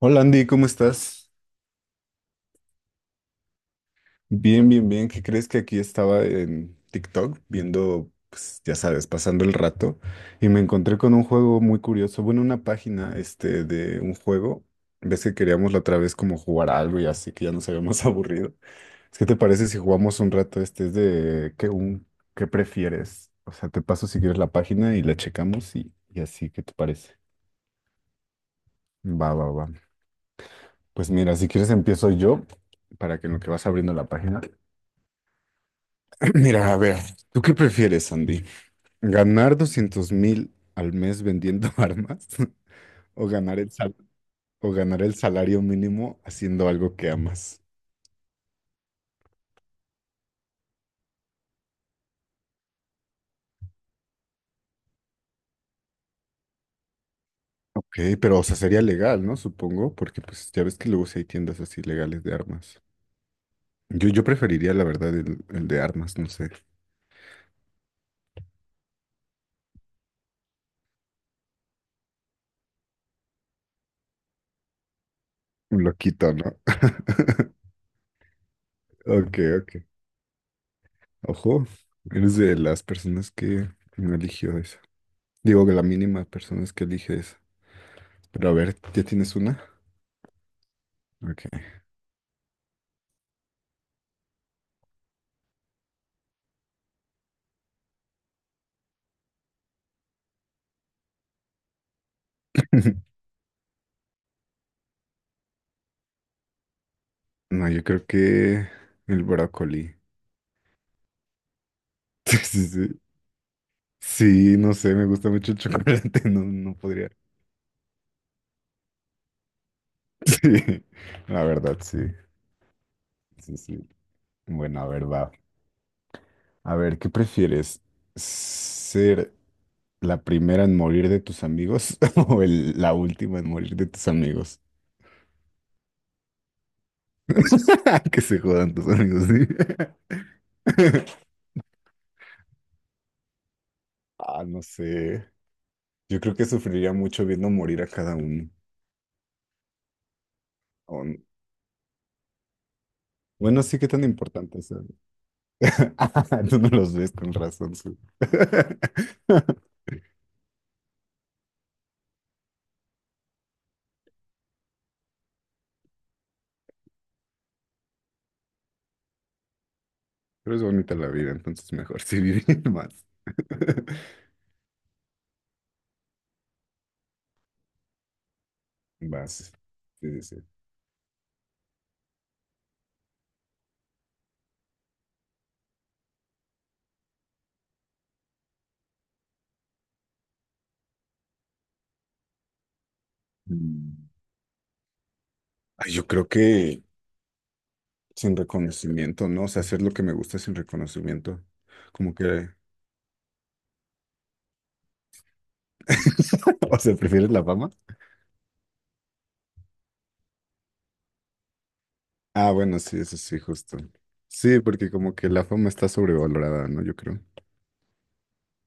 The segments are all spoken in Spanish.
Hola Andy, ¿cómo estás? Bien, bien, bien. ¿Qué crees que aquí estaba en TikTok viendo, pues ya sabes, pasando el rato y me encontré con un juego muy curioso, bueno, una página este de un juego. Ves que queríamos la otra vez como jugar algo y así que ya nos habíamos aburrido. Es que te parece si jugamos un rato este es de qué un ¿qué prefieres? O sea, te paso si quieres la página y la checamos y así, ¿qué te parece? Va, va, va. Pues mira, si quieres empiezo yo para que en lo que vas abriendo la página. Mira, a ver, ¿tú qué prefieres, Sandy? ¿Ganar 200.000 al mes vendiendo armas? ¿O ganar el salario mínimo haciendo algo que amas? Ok, pero o sea, sería legal, ¿no? Supongo, porque pues ya ves que luego sí hay tiendas así legales de armas. Yo preferiría, la verdad, el de armas, no sé. Un loquito, ¿no? Ok, ok. Ojo, eres de las personas que no eligió eso. Digo, que la mínima personas que elige eso. Pero a ver, ¿ya tienes una? Ok. No, yo creo que el brócoli. Sí, sí, sí. Sí, no sé, me gusta mucho el chocolate, no, no podría. Sí, la verdad, sí. Sí, sí. Bueno, a ver, va. A ver, ¿qué prefieres? ¿Ser la primera en morir de tus amigos o la última en morir de tus amigos? Que se jodan tus amigos, sí. Ah, no sé. Yo creo que sufriría mucho viendo morir a cada uno. O n- Bueno, sí, qué tan importante es. Ah, tú no los ves con razón. Pero es bonita la vida, entonces mejor sí vivir más. más. Sí, sí, sí. Mm. Ay, yo creo que sin reconocimiento, ¿no? O sea, hacer lo que me gusta sin reconocimiento. Como que... O sea, ¿prefieres la fama? Ah, bueno, sí, eso sí, justo. Sí, porque como que la fama está sobrevalorada, ¿no? Yo creo.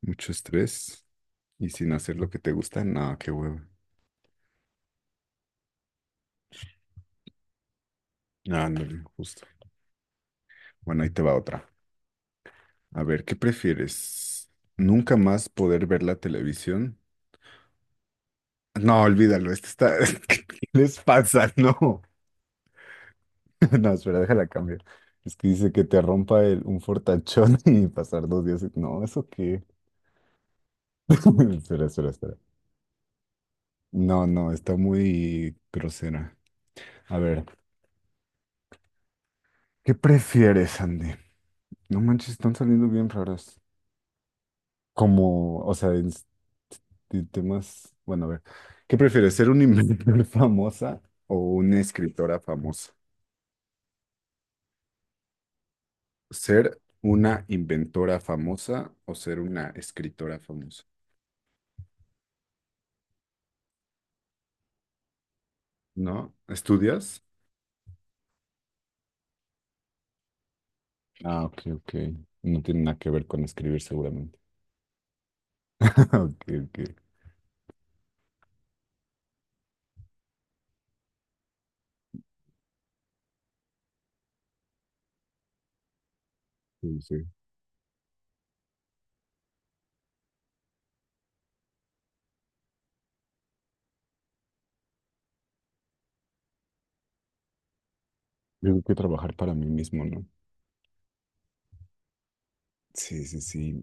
Mucho estrés y sin hacer lo que te gusta, no, qué huevo. Ah, no, justo. Bueno, ahí te va otra. A ver, ¿qué prefieres? ¿Nunca más poder ver la televisión? No, olvídalo, este está... ¿Qué les pasa? No. No, espera, déjala cambiar. Es que dice que te rompa un fortachón y pasar 2 días. No, ¿eso qué? Espera, espera, espera. No, no, está muy grosera. A ver, ¿qué prefieres, Andy? No manches, están saliendo bien raras. Como, o sea, en temas... Bueno, a ver, ¿qué prefieres, ser una inventora famosa o una escritora famosa? ¿Ser una inventora famosa o ser una escritora famosa? ¿No? ¿Estudias? Ah, ok, ok. No tiene nada que ver con escribir seguramente. Ok, ok. Sí, sí. Yo tengo que trabajar para mí mismo, ¿no? Sí, sí, sí.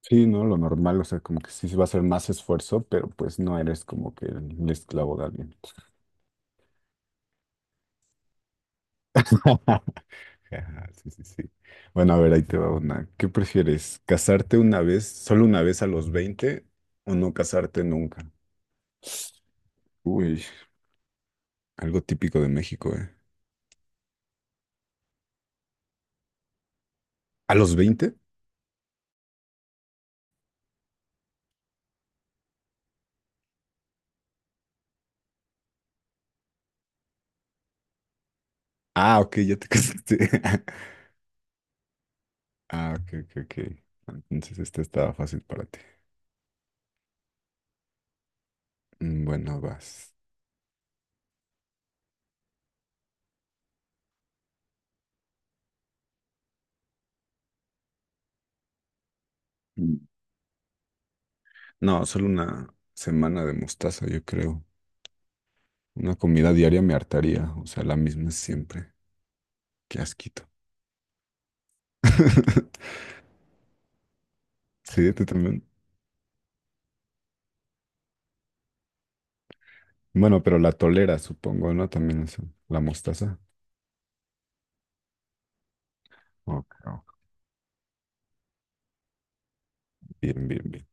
Sí, ¿no? Lo normal, o sea, como que sí se va a hacer más esfuerzo, pero pues no eres como que el esclavo de alguien. Ajá, sí, sí, sí. Bueno, a ver, ahí te va una. ¿Qué prefieres? ¿Casarte una vez, solo una vez a los 20, o no casarte nunca? Uy, algo típico de México, ¿eh? ¿A los 20? Ah, ok, ya te casaste. Ah, ok, ok, ok. Entonces esta estaba fácil para ti. Mm, bueno, vas. Mm. No, solo una semana de mostaza, yo creo. Una comida diaria me hartaría, o sea, la misma siempre. Qué asquito. Sí, tú también. Bueno, pero la tolera, supongo, ¿no? También eso. La mostaza. Ok, ok. Bien, bien, bien.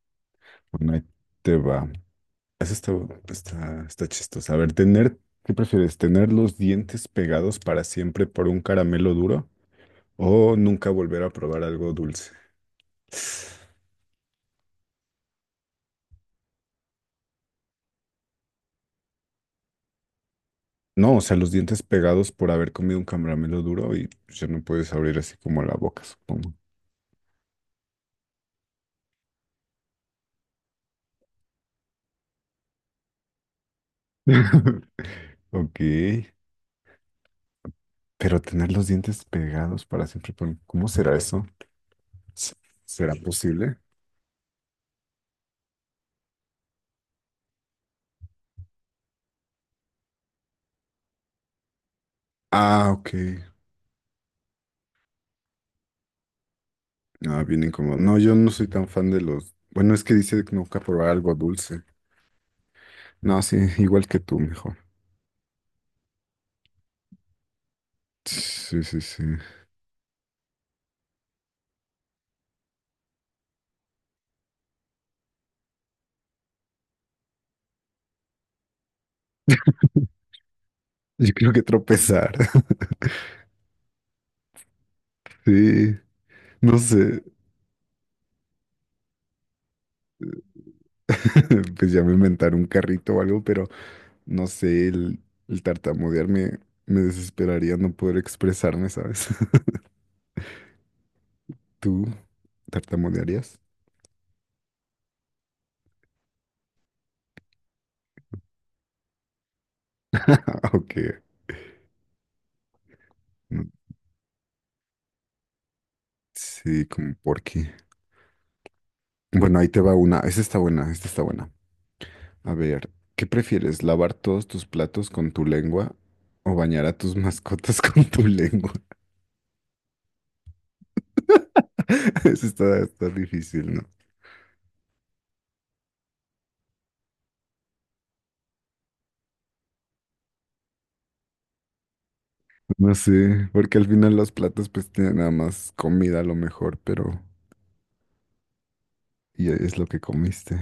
Bueno, ahí te va. Eso está chistoso. A ver, tener, ¿qué prefieres? ¿Tener los dientes pegados para siempre por un caramelo duro o nunca volver a probar algo dulce? No, o sea, los dientes pegados por haber comido un caramelo duro y pues, ya no puedes abrir así como la boca, supongo. Ok, pero tener los dientes pegados para siempre, ¿cómo será eso? ¿Se- ¿Será posible? Ah, ok. Ah, bien incómodo. No, yo no soy tan fan de los... Bueno, es que dice que nunca probar algo dulce. No, sí, igual que tú, mejor. Sí, sí, sí. Yo creo que tropezar. Sí, no sé. Pues ya me inventar un carrito o algo, pero no sé, el tartamudear me desesperaría no poder expresarme, ¿sabes? ¿Tú tartamudearías? Ah, ok. Mm, sí, como por qué. Bueno, ahí te va una. Esta está buena, esta está buena. A ver, ¿qué prefieres? ¿Lavar todos tus platos con tu lengua o bañar a tus mascotas con tu lengua? Eso está, está difícil, ¿no? No sé, porque al final los platos pues tienen nada más comida a lo mejor, pero y es lo que comiste.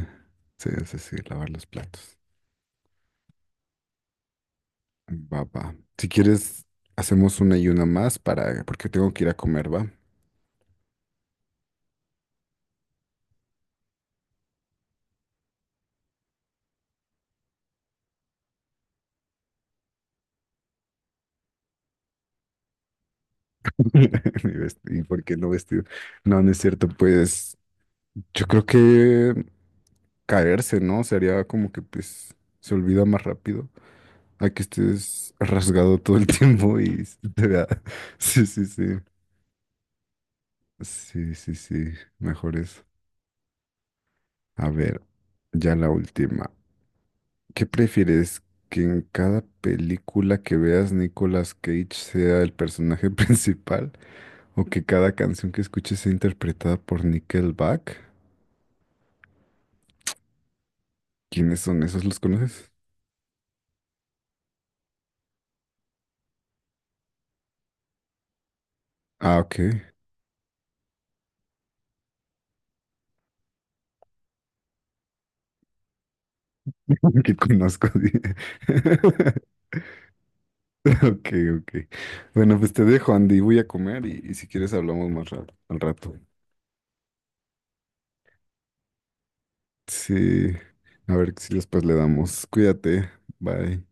Sí, sí, sí, lavar los platos. Va, va. Si quieres, hacemos una y una más para, porque tengo que ir a comer, ¿va? Mi ¿y por qué no vestido? No, no es cierto, pues yo creo que caerse, ¿no? Sería como que pues se olvida más rápido. A que estés rasgado todo el tiempo y se te vea. Sí, sí, sí. Sí, sí, sí. Mejor eso. A ver, ya la última. ¿Qué prefieres? ¿Que en cada película que veas Nicolas Cage sea el personaje principal? ¿O que cada canción que escuches sea interpretada por Nickelback? ¿Quiénes son esos? ¿Los conoces? Ah, ok. Que conozco. dije. Ok, ok. Bueno, pues te dejo, Andy. Voy a comer y si quieres hablamos más rato, al rato. Sí. A ver si después le damos. Cuídate. Bye.